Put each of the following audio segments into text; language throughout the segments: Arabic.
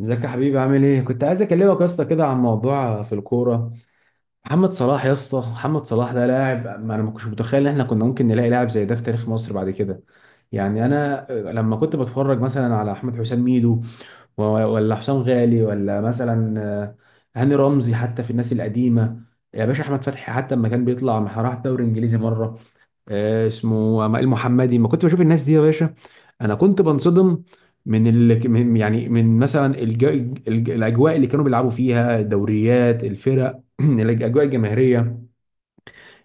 ازيك يا حبيبي؟ عامل ايه؟ كنت عايز اكلمك يا اسطى كده عن موضوع في الكوره. محمد صلاح يا اسطى، محمد صلاح ده لاعب، ما انا ما كنتش متخيل ان احنا كنا ممكن نلاقي لاعب زي ده في تاريخ مصر بعد كده. يعني انا لما كنت بتفرج مثلا على احمد حسام ميدو ولا حسام غالي ولا مثلا هاني رمزي، حتى في الناس القديمه، يا باشا احمد فتحي، حتى لما كان بيطلع راح دوري انجليزي مره. اسمه المحمدي، ما كنت بشوف الناس دي يا باشا. انا كنت بنصدم من يعني من مثلا الاجواء اللي كانوا بيلعبوا فيها الدوريات، الفرق، الاجواء الجماهيريه.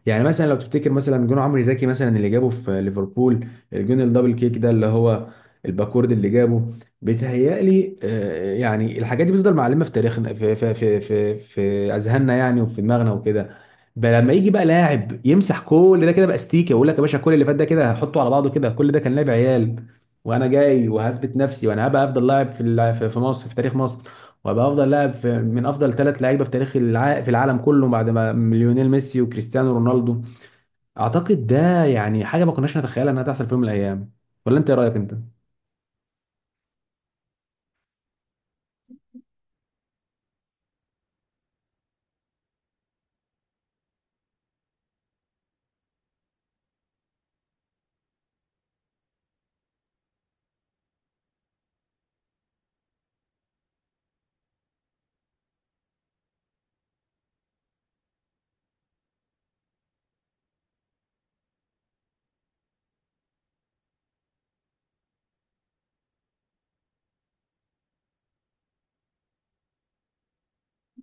يعني مثلا لو تفتكر مثلا جون عمرو زكي مثلا اللي جابه في ليفربول، الجون الدبل كيك ده اللي هو الباكورد اللي جابه. بيتهيألي يعني الحاجات دي بتفضل معلمة في تاريخنا، في أذهاننا يعني، وفي دماغنا وكده. بقى لما يجي بقى لاعب يمسح كل ده كده باستيكه، يقول لك يا باشا كل اللي فات ده كده هحطه على بعضه كده، كل ده كان لعب عيال، وانا جاي وهثبت نفسي، وانا هبقى افضل لاعب في مصر، في تاريخ مصر، وابقى افضل لاعب، في من افضل ثلاث لعيبه في العالم كله بعد ما ليونيل ميسي وكريستيانو رونالدو. اعتقد ده يعني حاجه ما كناش نتخيلها انها تحصل في يوم من الايام. ولا انت ايه رايك انت؟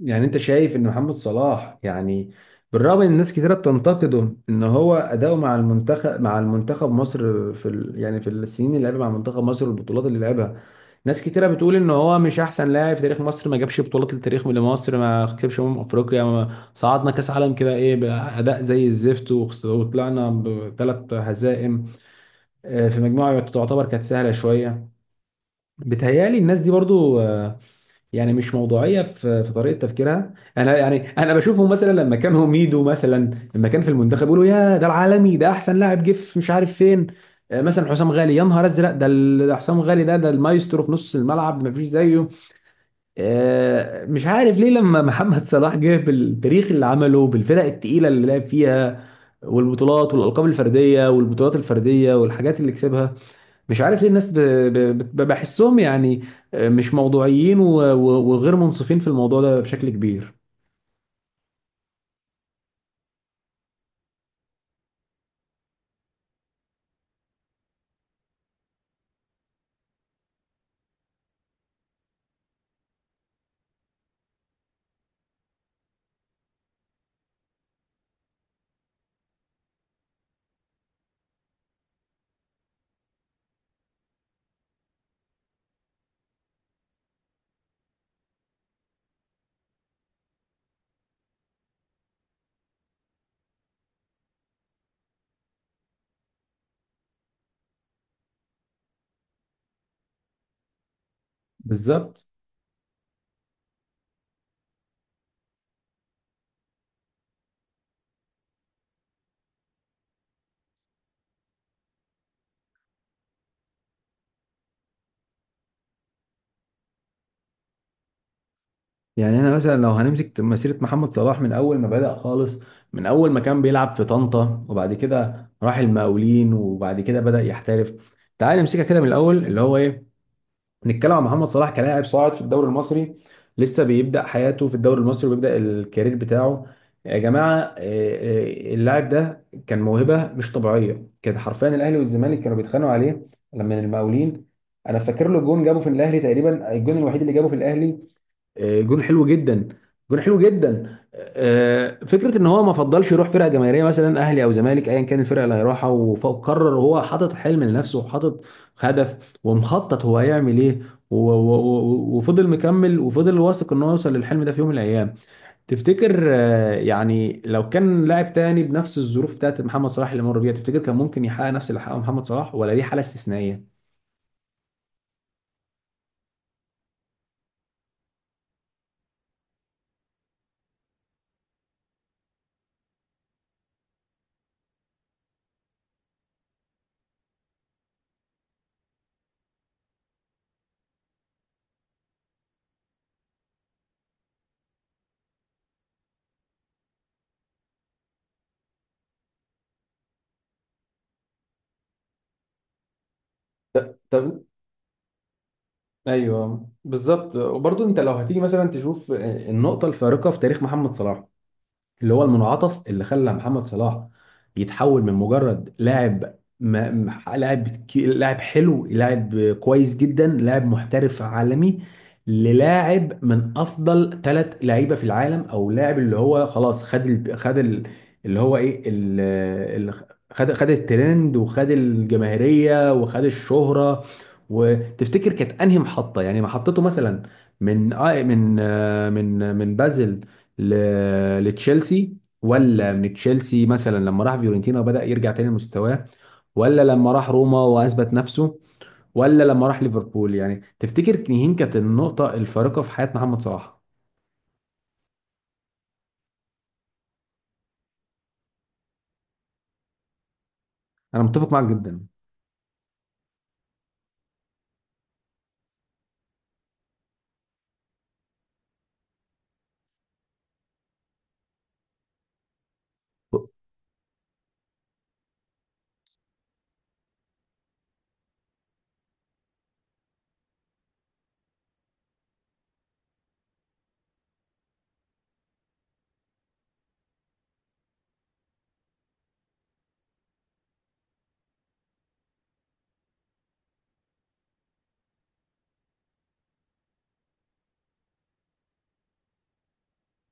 يعني انت شايف ان محمد صلاح يعني، بالرغم ان الناس كتيره بتنتقده ان هو اداؤه مع المنتخب، مع المنتخب مصر يعني في السنين اللي لعبها مع منتخب مصر، والبطولات اللي لعبها. ناس كتيره بتقول ان هو مش احسن لاعب في تاريخ مصر، ما جابش بطولات لتاريخ لمصر، ما كسبش افريقيا، ما صعدنا كاس عالم كده، ايه، باداء زي الزفت، وطلعنا بثلاث هزائم في مجموعه تعتبر كانت سهله شويه. بتهيالي الناس دي برضو يعني مش موضوعيه في طريقه تفكيرها. انا يعني انا بشوفهم مثلا لما كان ميدو مثلا، لما كان في المنتخب، يقولوا يا ده العالمي، ده احسن لاعب جه في مش عارف فين. مثلا حسام غالي، يا نهار ازرق، ده حسام غالي، ده المايسترو في نص الملعب، ما فيش زيه. مش عارف ليه لما محمد صلاح جه بالتاريخ اللي عمله بالفرق التقيله اللي لعب فيها، والبطولات والالقاب الفرديه، والبطولات الفرديه، والحاجات اللي كسبها، مش عارف ليه الناس بحسهم يعني مش موضوعيين وغير منصفين في الموضوع ده بشكل كبير. بالظبط. يعني انا مثلا لو هنمسك مسيره محمد صلاح من اول ما بدأ خالص، من اول ما كان بيلعب في طنطا، وبعد كده راح المقاولين، وبعد كده بدأ يحترف. تعال نمسكها كده من الاول، اللي هو ايه، نتكلم عن محمد صلاح كلاعب صاعد في الدوري المصري، لسه بيبدأ حياته في الدوري المصري، وبيبدأ الكارير بتاعه. يا جماعة إيه، اللاعب ده كان موهبة مش طبيعية، كان حرفيا الأهلي والزمالك كانوا بيتخانقوا عليه لما المقاولين. أنا فاكر له جون جابه في الأهلي تقريبا، الجون الوحيد اللي جابه في الأهلي. جون حلو جدا. جون حلو جدا. فكره ان هو ما فضلش يروح فرقه جماهيريه مثلا اهلي او زمالك، ايا كان الفرقه اللي هيروحها. وقرر هو، حاطط حلم لنفسه، وحاطط هدف، ومخطط هو هيعمل ايه، وفضل مكمل، وفضل واثق ان هو يوصل للحلم ده في يوم من الايام. تفتكر يعني لو كان لاعب تاني بنفس الظروف بتاعت محمد صلاح اللي مر بيها، تفتكر كان ممكن يحقق نفس اللي حققه محمد صلاح، ولا دي حاله استثنائيه؟ طب. ايوه بالظبط. وبرضه انت لو هتيجي مثلا تشوف النقطه الفارقه في تاريخ محمد صلاح، اللي هو المنعطف اللي خلى محمد صلاح يتحول من مجرد لاعب، ما م- لاعب كي- لاعب حلو، لاعب كويس جدا، لاعب محترف عالمي، للاعب من افضل ثلاث لعيبه في العالم، او لاعب اللي هو خلاص خد ال... خد ال... اللي هو ايه ال... ال... خد خد الترند، وخد الجماهيريه، وخد الشهره. وتفتكر كانت انهي محطه، يعني محطته مثلا، من آه، من آه، من من بازل لتشيلسي، ولا من تشيلسي مثلا لما راح فيورنتينا وبدأ يرجع تاني لمستواه، ولا لما راح روما وأثبت نفسه، ولا لما راح ليفربول؟ يعني تفتكر مين كانت النقطة الفارقة في حياة محمد صلاح؟ أنا متفق معاك جدا.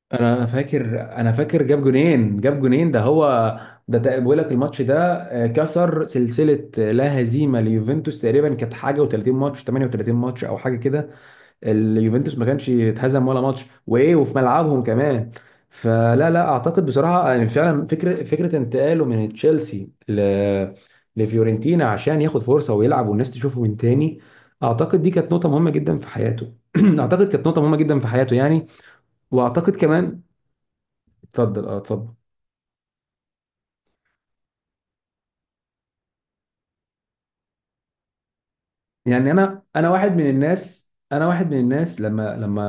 انا فاكر، انا فاكر جاب جونين، جاب جونين ده هو. بيقول لك الماتش ده كسر سلسله، لا هزيمه ليوفنتوس تقريبا، كانت حاجه و30 ماتش، 38 ماتش او حاجه كده. اليوفنتوس ما كانش اتهزم ولا ماتش، وايه، وفي ملعبهم كمان. فلا لا اعتقد بصراحه، يعني فعلا فكره، فكره انتقاله من تشيلسي ل لفيورنتينا عشان ياخد فرصه ويلعب والناس تشوفه من تاني، اعتقد دي كانت نقطه مهمه جدا في حياته. اعتقد كانت نقطه مهمه جدا في حياته يعني. واعتقد كمان. اتفضل، اه اتفضل. يعني انا، انا واحد من الناس، لما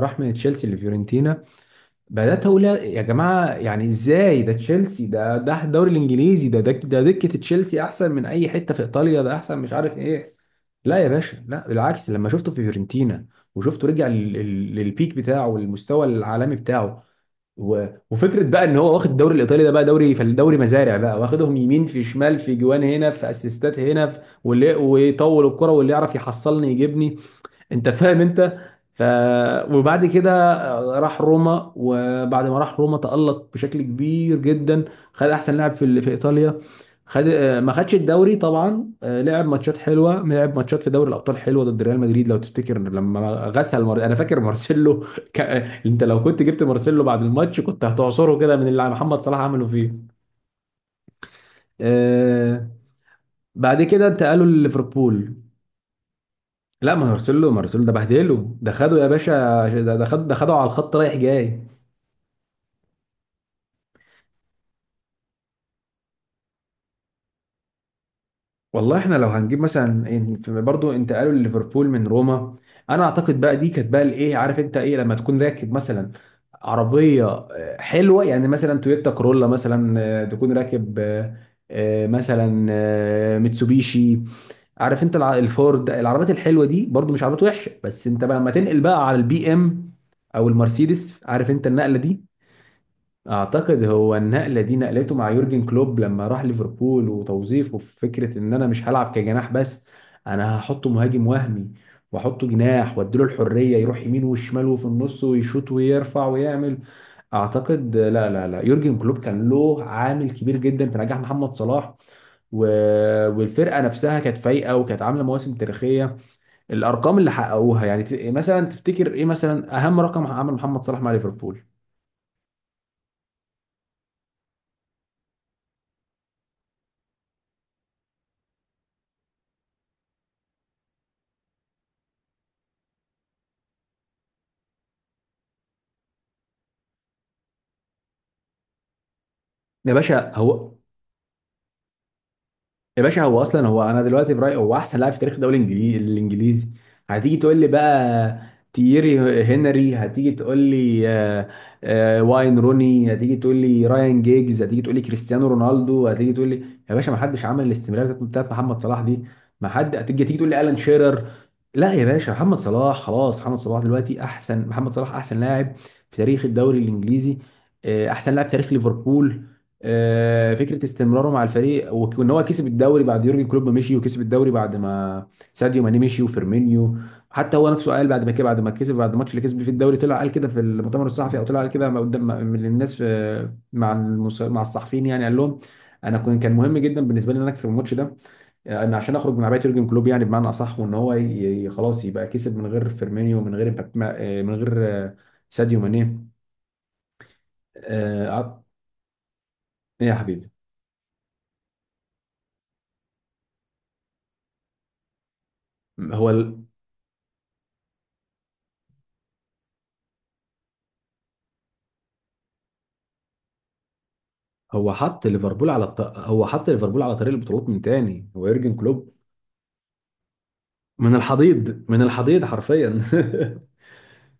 راح من تشيلسي لفيورنتينا، بدات اقول يا جماعه، يعني ازاي ده تشيلسي، ده الدوري الانجليزي، ده دكه تشيلسي احسن من اي حته في ايطاليا، ده احسن مش عارف ايه. لا يا باشا، لا بالعكس، لما شفته في فيورنتينا وشفته رجع للبيك بتاعه، والمستوى العالمي بتاعه، وفكره بقى ان هو واخد الدوري الايطالي ده بقى دوري، فالدوري مزارع بقى، واخدهم يمين في شمال، في جوان هنا، في اسيستات هنا، واللي ويطول الكرة، واللي يعرف يحصلني يجيبني. انت فاهم انت. ف وبعد كده راح روما، وبعد ما راح روما تألق بشكل كبير جدا، خد احسن لاعب في ايطاليا، خد ما خدش الدوري طبعا. لعب ماتشات حلوه، لعب ماتشات في دوري الابطال حلوه ضد ريال مدريد، لو تفتكر لما غسل انا فاكر مارسيلو. ك... انت لو كنت جبت مارسيلو بعد الماتش كنت هتعصره كده من اللي محمد صلاح عمله فيه. آه، بعد كده انتقلوا لليفربول. لا، ما مارسيلو، مارسيلو ده بهدله، ده خده يا باشا، ده خده على الخط رايح جاي. والله احنا لو هنجيب مثلا برضو انتقالوا لليفربول من روما، انا اعتقد بقى دي كانت بقى الايه، عارف انت ايه لما تكون راكب مثلا عربيه حلوه يعني مثلا تويوتا كورولا مثلا، تكون راكب، مثلا ميتسوبيشي، عارف انت الفورد، العربيات الحلوه دي برضو مش عربيات وحشه، بس انت بقى لما تنقل بقى على البي ام او المرسيدس، عارف انت النقله دي. اعتقد هو النقله دي نقلته مع يورجن كلوب لما راح ليفربول، وتوظيفه في فكره ان انا مش هلعب كجناح بس، انا هحطه مهاجم وهمي، واحطه جناح، واديله الحريه يروح يمين وشمال وفي النص ويشوط ويرفع ويعمل. اعتقد لا يورجن كلوب كان له عامل كبير جدا في نجاح محمد صلاح، و... والفرقه نفسها كانت فايقه، وكانت عامله مواسم تاريخيه. الارقام اللي حققوها يعني، مثلا تفتكر ايه مثلا اهم رقم عمل محمد صلاح مع ليفربول؟ يا باشا هو يا باشا هو اصلا، هو انا دلوقتي في رايي هو احسن لاعب في تاريخ الدوري الانجليزي، الانجليزي. هتيجي تقول لي بقى تييري هنري، هتيجي تقول لي، واين روني، هتيجي تقول لي رايان جيجز، هتيجي تقول لي كريستيانو رونالدو، هتيجي تقول لي، يا باشا ما حدش عمل الاستمراريه بتاعت محمد صلاح دي. ما حد، هتيجي تقول لي الان شيرر، لا يا باشا، محمد صلاح خلاص، محمد صلاح دلوقتي احسن، محمد صلاح احسن لاعب في تاريخ الدوري الانجليزي، احسن لاعب في تاريخ ليفربول. فكره استمراره مع الفريق، وان هو كسب الدوري بعد يورجن كلوب ما مشي، وكسب الدوري بعد ما ساديو ماني مشي وفيرمينيو. حتى هو نفسه قال بعد ما كده، بعد ما كسب، بعد الماتش اللي كسب فيه الدوري، طلع قال كده في المؤتمر الصحفي، او طلع قال كده ما قدام من الناس، في مع الصحفيين يعني، قال لهم انا كنت، كان مهم جدا بالنسبه لي ان انا اكسب الماتش ده، ان عشان اخرج من عبايه يورجن كلوب يعني بمعنى اصح، وان هو خلاص يبقى كسب من غير فيرمينيو، من غير من غير آه، ساديو ماني. آه، إيه يا حبيبي. هو هو حط ليفربول هو حط ليفربول على طريق البطولات من تاني، هو يورجن كلوب، من الحضيض، من الحضيض حرفيا.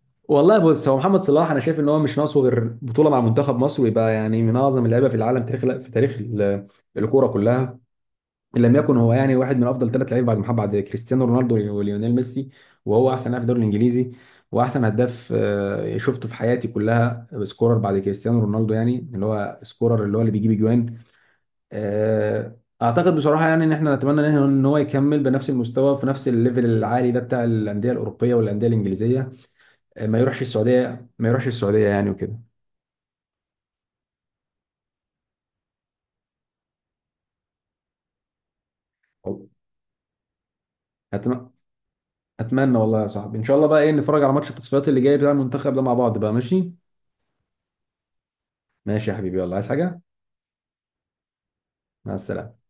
والله بص، هو محمد صلاح انا شايف ان هو مش ناقصه غير بطوله مع منتخب مصر، ويبقى يعني من اعظم اللعيبه في العالم، تاريخ في تاريخ الكوره كلها، ان لم يكن هو يعني واحد من افضل ثلاث لعيبه بعد محمد، بعد كريستيانو رونالدو وليونيل ميسي. وهو احسن لاعب في الدوري الانجليزي، واحسن هداف شفته في حياتي كلها سكورر بعد كريستيانو رونالدو، يعني اللي هو سكورر اللي هو اللي بيجيب اجوان. اعتقد بصراحه يعني ان احنا نتمنى ان إن هو يكمل بنفس المستوى، في نفس الليفل العالي ده، بتاع الانديه الاوروبيه والانديه الانجليزيه. ما يروحش السعوديه، ما يروحش السعوديه يعني وكده. أتم- اتمنى والله يا صاحبي ان شاء الله بقى ايه، نتفرج على ماتش التصفيات اللي جاي بتاع المنتخب ده مع بعض بقى، ماشي؟ ماشي يا حبيبي، يلا، عايز حاجه؟ مع السلامه.